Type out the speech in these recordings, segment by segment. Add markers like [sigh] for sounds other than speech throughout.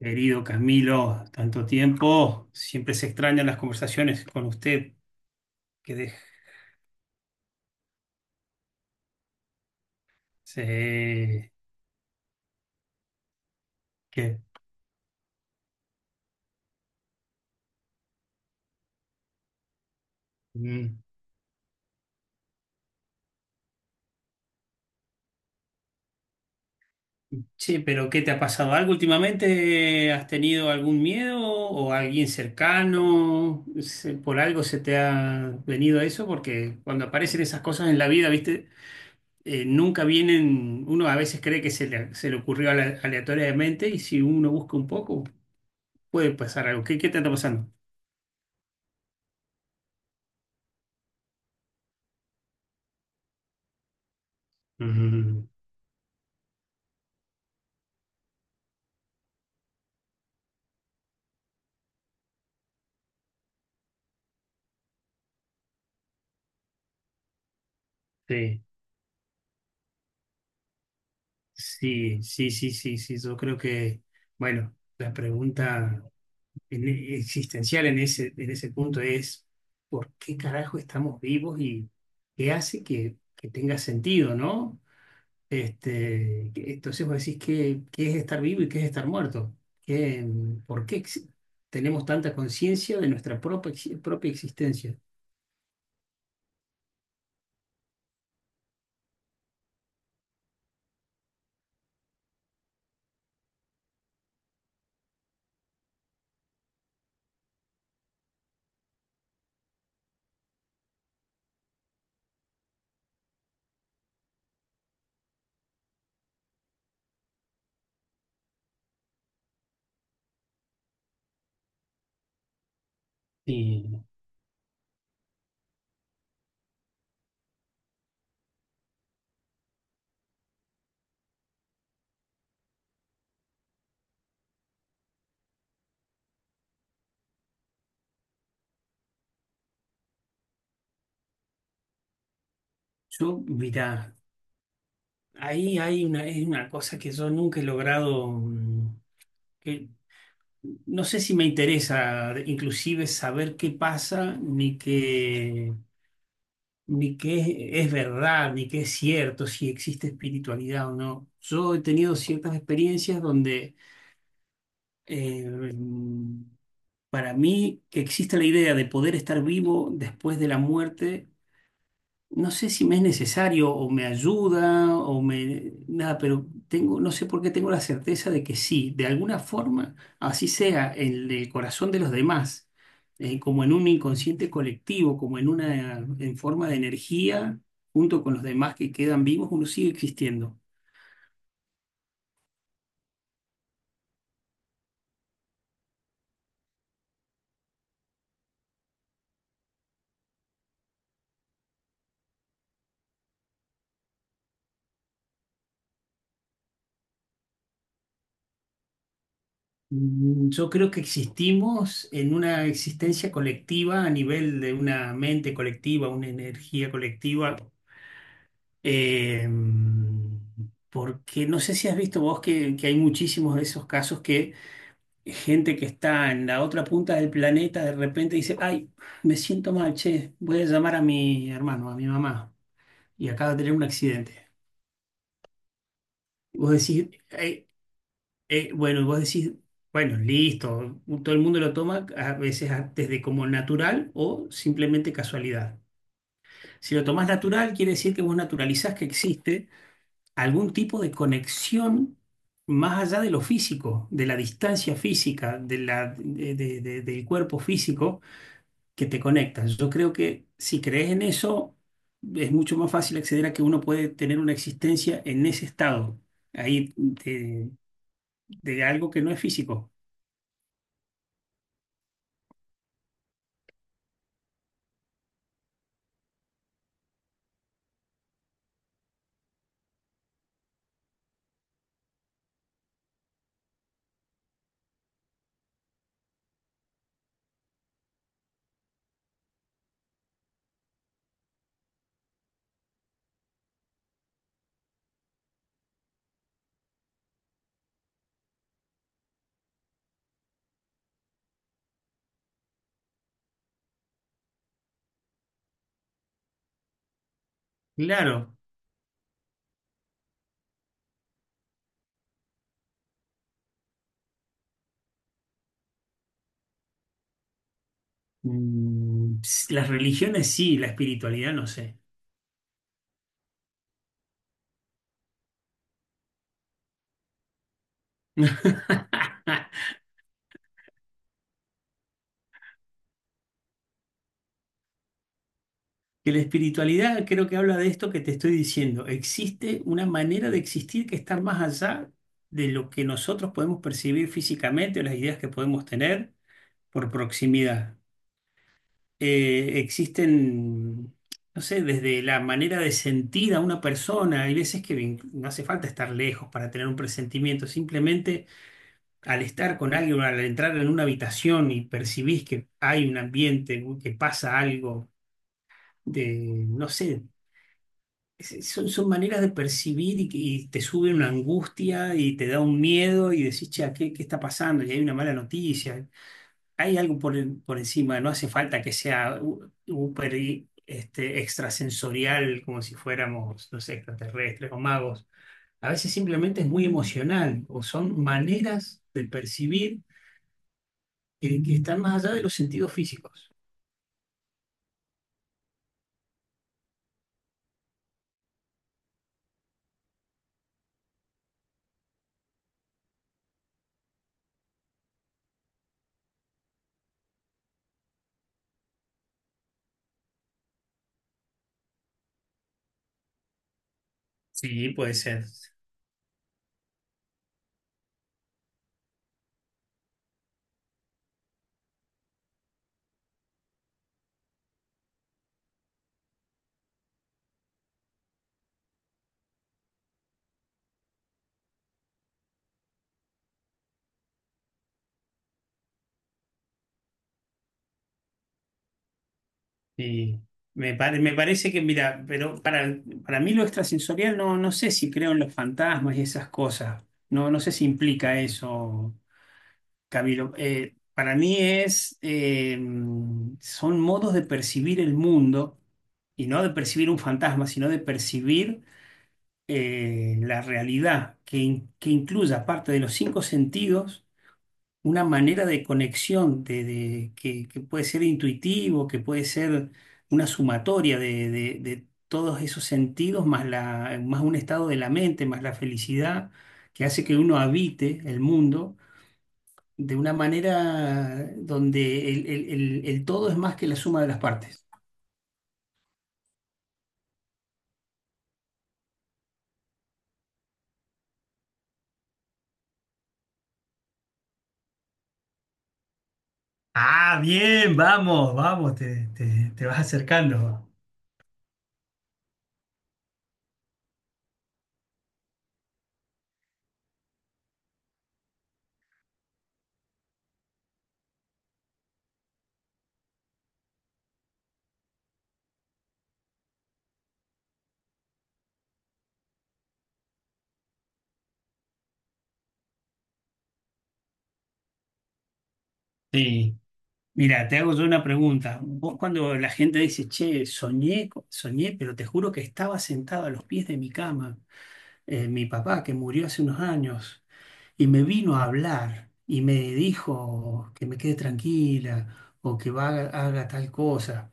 Querido Camilo, tanto tiempo. Siempre se extrañan las conversaciones con usted que deje. se- que, mm. Che, pero ¿qué te ha pasado? ¿Algo últimamente? ¿Has tenido algún miedo o alguien cercano? ¿Por algo se te ha venido eso? Porque cuando aparecen esas cosas en la vida, ¿viste? Nunca vienen, uno a veces cree que se le ocurrió aleatoriamente, y si uno busca un poco, puede pasar algo. ¿Qué te está pasando? Ujú, sí. Sí, sí, sí, sí, sí. Yo creo que, bueno, la pregunta existencial en en ese punto es, ¿por qué carajo estamos vivos y qué hace que tenga sentido, ¿no? Entonces vos decís, ¿qué, qué es estar vivo y qué es estar muerto? ¿Qué, por qué ex- ¿Tenemos tanta conciencia de nuestra propia existencia? Y yo, mira, ahí hay una, es una cosa que yo nunca he logrado... Mm, que no sé si me interesa inclusive saber qué pasa, ni qué, ni qué es verdad, ni qué es cierto, si existe espiritualidad o no. Yo he tenido ciertas experiencias donde eh, para mí que existe la idea de poder estar vivo después de la muerte. No sé si me es necesario o me ayuda o me... Nada, pero tengo, no sé por qué tengo la certeza de que sí, de alguna forma, así sea en el corazón de los demás, como en un inconsciente colectivo, como en en forma de energía, junto con los demás que quedan vivos, uno sigue existiendo. Mm, yo creo que existimos en una existencia colectiva a nivel de una mente colectiva, una energía colectiva. Eh, Porque no sé si has visto vos que hay muchísimos de esos casos que gente que está en la otra punta del planeta de repente dice, ay, me siento mal, che, voy a llamar a mi hermano, a mi mamá, y acaba de tener un accidente. Y vos decís, "Ay, bueno", y vos decís, bueno, listo, todo el mundo lo toma a veces desde como natural o simplemente casualidad. Si lo tomás natural, quiere decir que vos naturalizás que existe algún tipo de conexión más allá de lo físico, de la distancia física, de del cuerpo físico que te conectas. Yo creo que si crees en eso, es mucho más fácil acceder a que uno puede tener una existencia en ese estado, ahí de algo que no es físico. Claro, mm, las religiones sí, la espiritualidad no sé. [laughs] Que la espiritualidad creo que habla de esto que te estoy diciendo. Existe una manera de existir que está más allá de lo que nosotros podemos percibir físicamente o las ideas que podemos tener por proximidad. Existen, no sé, desde la manera de sentir a una persona. Hay veces que no hace falta estar lejos para tener un presentimiento. Simplemente al estar con alguien, al entrar en una habitación y percibís que hay un ambiente, que pasa algo de, no sé. Son, son maneras de percibir, y te sube una angustia y te da un miedo y decís, che, ¿qué, qué está pasando? Y hay una mala noticia. Hay algo por, por encima, no hace falta que sea súper y, este, extrasensorial, como si fuéramos, no sé, extraterrestres o magos. A veces simplemente es muy emocional o son maneras de percibir que están más allá de los sentidos físicos. Sí, puede ser. Sí, me parece que, mira, pero para mí lo extrasensorial no, no sé si creo en los fantasmas y esas cosas. No, no sé si implica eso, Camilo. Para mí es, son modos de percibir el mundo, y no de percibir un fantasma, sino de percibir la realidad que incluya parte de los cinco sentidos, una manera de conexión que puede ser intuitivo, que puede ser una sumatoria de todos esos sentidos, más más un estado de la mente, más la felicidad, que hace que uno habite el mundo de una manera donde el todo es más que la suma de las partes. Ah, bien, vamos, vamos, te, te vas acercando. Sí. Mira, te hago yo una pregunta. Vos cuando la gente dice, che, soñé, soñé, pero te juro que estaba sentado a los pies de mi cama, mi papá que murió hace unos años, y me vino a hablar y me dijo que me quede tranquila o que va, haga tal cosa.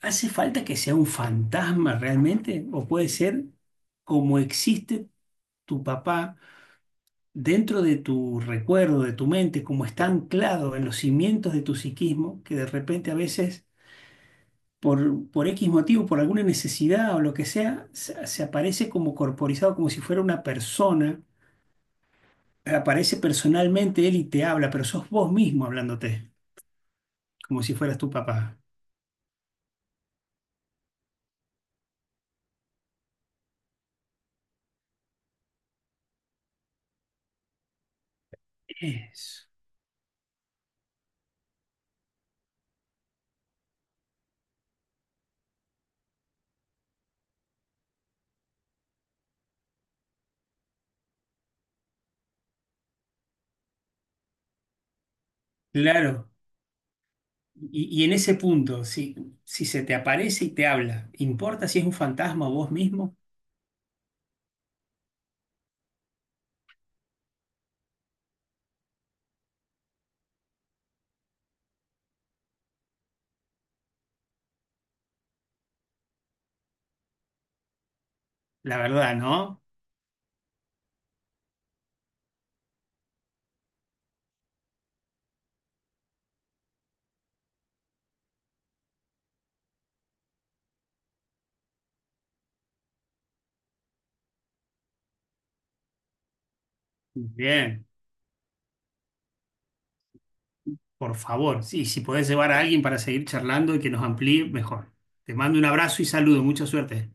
¿Hace falta que sea un fantasma realmente? ¿O puede ser como existe tu papá dentro de tu recuerdo, de tu mente, como está anclado en los cimientos de tu psiquismo, que de repente a veces por X motivo, por alguna necesidad o lo que sea, se aparece como corporizado, como si fuera una persona? Aparece personalmente él y te habla, pero sos vos mismo hablándote, como si fueras tu papá. Eso. Claro. Y en ese punto, si, si se te aparece y te habla, ¿importa si es un fantasma o vos mismo? La verdad, ¿no? Bien, por favor. Sí, si podés llevar a alguien para seguir charlando y que nos amplíe, mejor. Te mando un abrazo y saludo. Mucha suerte.